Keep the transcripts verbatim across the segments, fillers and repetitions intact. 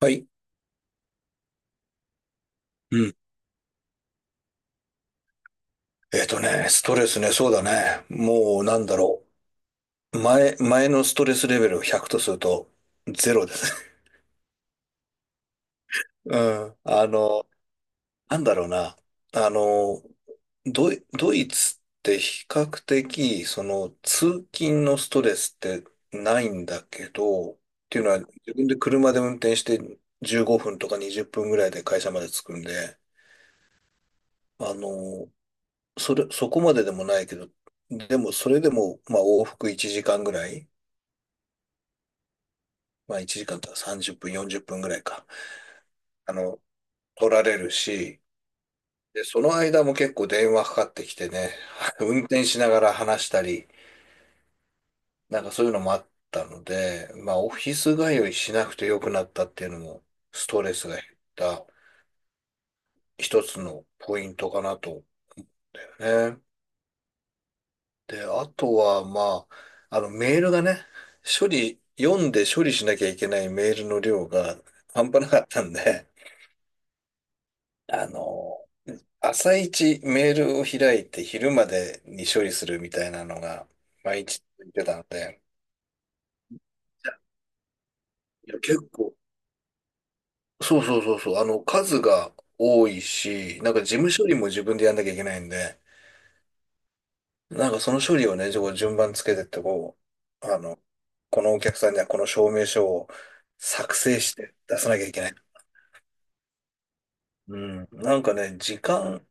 はい。うん。えっとね、ストレスね、そうだね。もう、なんだろう。前、前のストレスレベルをひゃくとすると、ゼロですね。うん。あの、なんだろうな。あの、ドイ、ドイツって比較的、その、通勤のストレスってないんだけど、っていうのは、自分で車で運転してじゅうごふんとかにじゅっぷんぐらいで会社まで着くんで、あの、それ、そこまででもないけど、でもそれでも、まあ往復いちじかんぐらい、まあいちじかんとかさんじゅっぷん、よんじゅっぷんぐらいか、あの、取られるし、で、その間も結構電話かかってきてね、運転しながら話したり、なんかそういうのもあったので、まあオフィス通いしなくてよくなったっていうのも、ストレスが減った一つのポイントかなと思ってね。で、あとは、まあ、あの、メールがね、処理、読んで処理しなきゃいけないメールの量が半端なかったんで、あの、朝一メールを開いて昼までに処理するみたいなのが、毎日言ってたので、いや、結構、そうそうそうそう、あの、数が多いし、なんか事務処理も自分でやんなきゃいけないんで、なんかその処理をね、こう順番つけてってこう、あの、このお客さんにはこの証明書を作成して出さなきゃいけない。うん。なんかね、時間、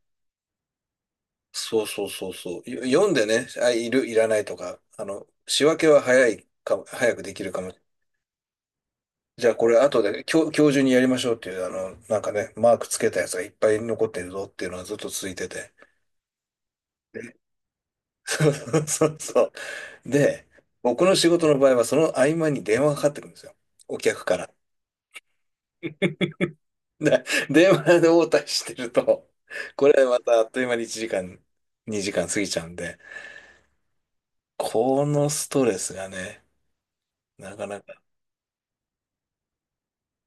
そうそうそうそう。よ読んでね、あ、いる、いらないとか、あの、仕分けは早いか、早くできるかも。じゃあこれ後で今日、今日中にやりましょうっていう、あの、なんかね、マークつけたやつがいっぱい残ってるぞっていうのはずっと続いてて。でそうそうそうそう。で、僕の仕事の場合はその合間に電話がかかってくるんですよ。お客から。で 電話で応対してると、これまたあっという間にいちじかん、にじかん過ぎちゃうんで、このストレスがね、なかなか、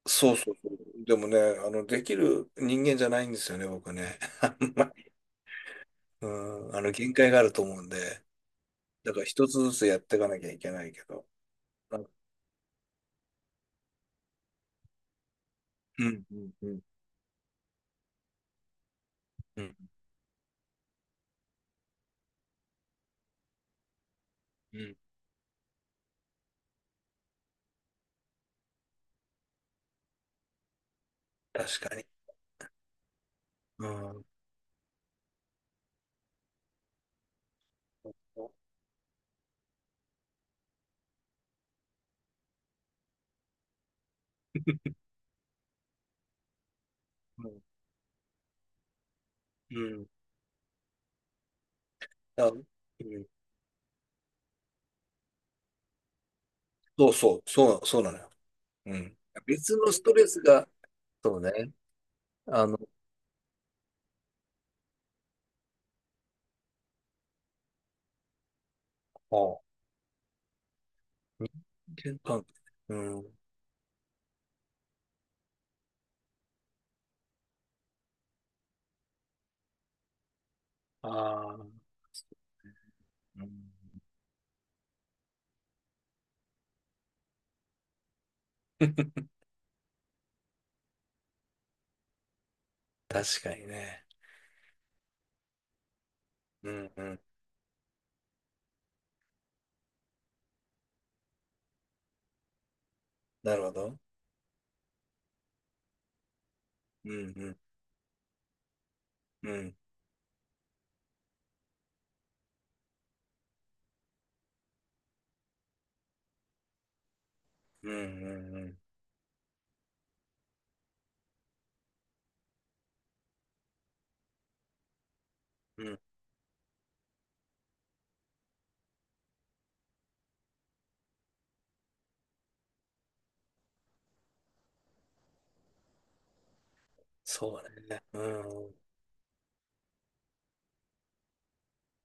そうそうそう。でもね、あの、できる人間じゃないんですよね、僕ね。あんまりうん、あの、限界があると思うんで、だから一つずつやっていかなきゃいけないけど、なんかうん、うん、うん、うん、うん、確かに。うん、うんうん、あ、うん、そうそう、そう、そうなのよ。うん。別のストレスが、そうね。あの、う。人間関係。うん。ああ。うん 確かにね。うんうん。なるほど。うんうんうんうんうんうんうん。そうね。うん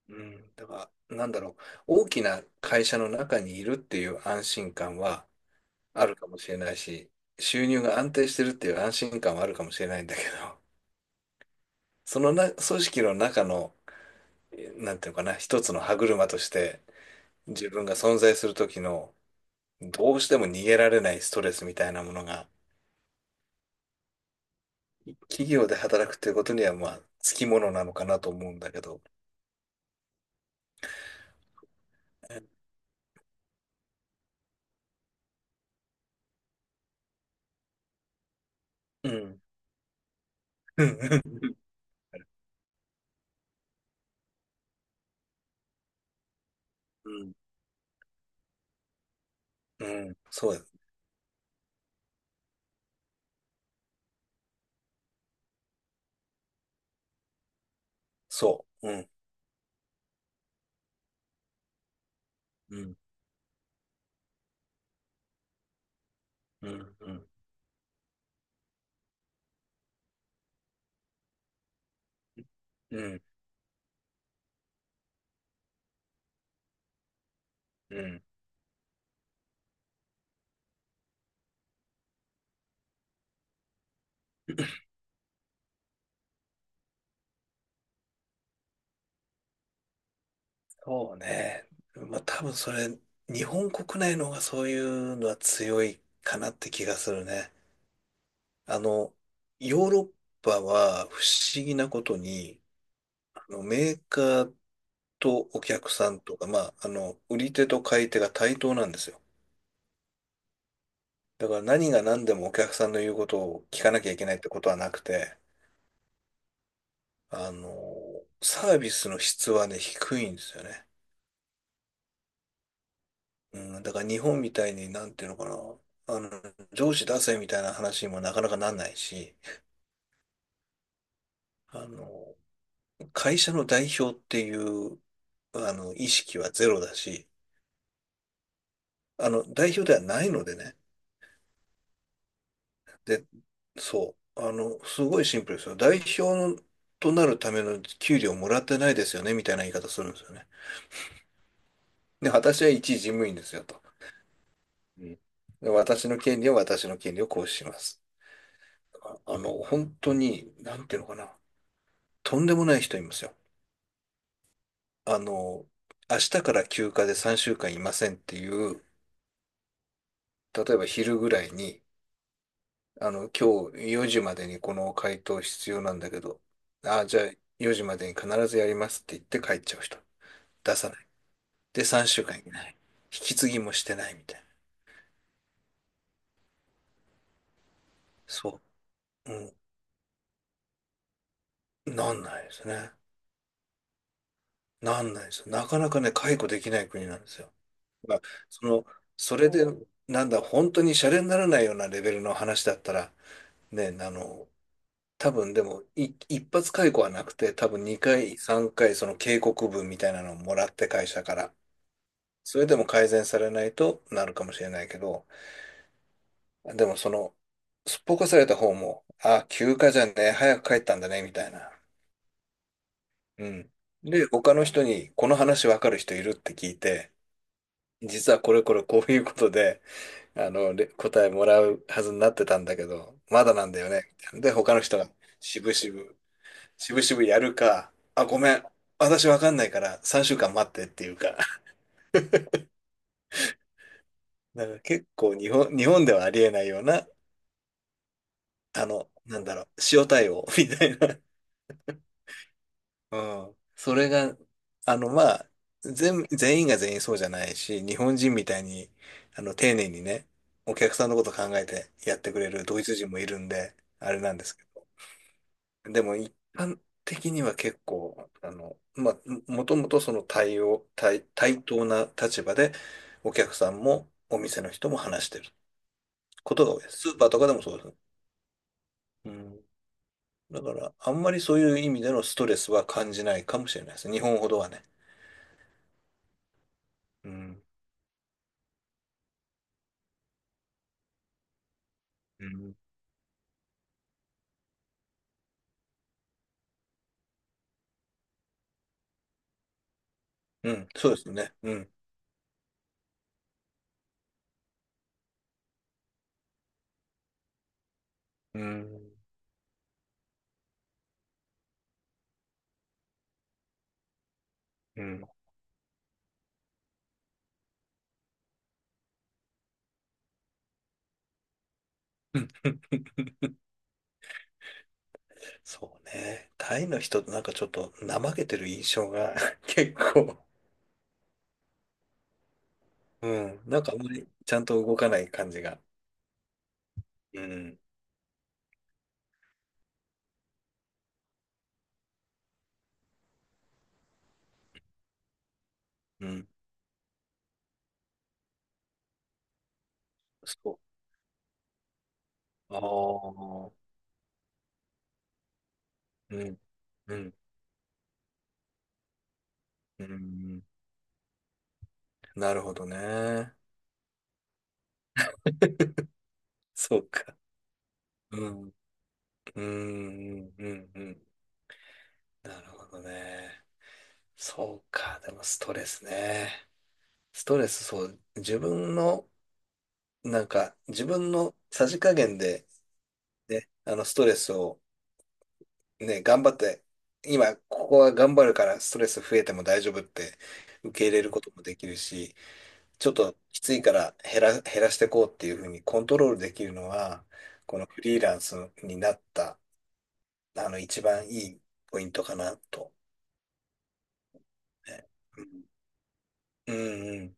うん。だから、なんだろう。大きな会社の中にいるっていう安心感はあるかもしれないし、収入が安定してるっていう安心感はあるかもしれないんだけど、そのな、組織の中の、えなんていうのかな、一つの歯車として、自分が存在する時のどうしても逃げられないストレスみたいなものが企業で働くということにはまあつきものなのかなと思うんだけど。うん。うん。うん。うんそうです。そう。うん。うん。うん。うん。うん。うん そうね。まあ多分それ、日本国内の方がそういうのは強いかなって気がするね。あの、ヨーロッパは不思議なことに、あのメーカーとお客さんとか、まあ、あの、売り手と買い手が対等なんですよ。だから何が何でもお客さんの言うことを聞かなきゃいけないってことはなくて、あの、サービスの質はね、低いんですよね。うん、だから日本みたいに、なんていうのかな、あの、上司出せみたいな話にもなかなかなんないし、あの、会社の代表っていう、あの、意識はゼロだし、あの、代表ではないのでね、で、そう。あの、すごいシンプルですよ。代表となるための給料もらってないですよね、みたいな言い方するんですよね。で、私は一事務員ですよ、と。うんで私の権利は私の権利を行使します。ああの、本当に、なんていうのかな。とんでもない人いますよ。あの、明日から休暇でさんしゅうかんいませんっていう、例えば昼ぐらいに、あの、今日よじまでにこの回答必要なんだけど、あ、じゃあよじまでに必ずやりますって言って帰っちゃう人。出さない。で、さんしゅうかんいない。引き継ぎもしてないみたいな。そう。うん。なんないですね。なんないですよ。なかなかね、解雇できない国なんですよ。まあ、その、それで、なんだ、本当にシャレにならないようなレベルの話だったら、ね、あの、多分でも、い、一発解雇はなくて、多分にかい、さんかい、その警告文みたいなのをもらって会社から。それでも改善されないとなるかもしれないけど、でもその、すっぽかされた方も、あ、休暇じゃねえ、早く帰ったんだね、みたいな。うん。で、他の人に、この話わかる人いるって聞いて、実はこれこれこういうことで、あの、れ答えもらうはずになってたんだけど、まだなんだよね。で、他の人が、しぶしぶ、しぶしぶやるか、あ、ごめん、私わかんないからさんしゅうかん待ってっていうか、だから結構日本、日本ではありえないような、あの、なんだろう、塩対応みたいな。うん。それが、あの、まあ、全、全員が全員そうじゃないし、日本人みたいに、あの、丁寧にね、お客さんのこと考えてやってくれるドイツ人もいるんで、あれなんですけど。でも、一般的には結構、あの、まあ、もともとその対応、対、対等な立場で、お客さんもお店の人も話してることが多いです。スーパーとかでもそうです。うん。だから、あんまりそういう意味でのストレスは感じないかもしれないです。日本ほどはね。うん。うんうん、そうですね。うん。うん。うん。うんそうね。タイの人ってなんかちょっと怠けてる印象が 結構、うん。なんかあんまりちゃんと動かない感じが。うん。うん。そう。ああ。うん。うん。うん。なるほどね。そうか。うん。うん。うん。うん。うんなるほどね。そうか。でもストレスね。ストレス、そう。自分の、なんか、自分のさじ加減で、ね、あの、ストレスをね、頑張って、今、ここは頑張るからストレス増えても大丈夫って受け入れることもできるし、ちょっときついから減ら、減らしていこうっていうふうにコントロールできるのは、このフリーランスになった、あの、一番いいポイントかなと。ねうん、うんうん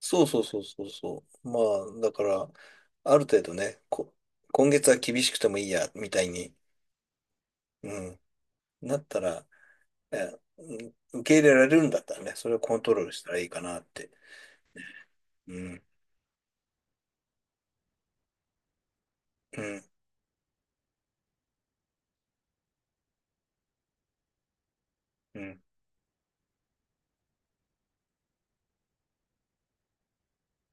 そうそうそうそうそう。まあ、だから、ある程度ね、こ、今月は厳しくてもいいや、みたいに、うん、なったら、ね、うん受け入れられるんだったらね、それをコントロールしたらいいかなって。うん、うん、うん。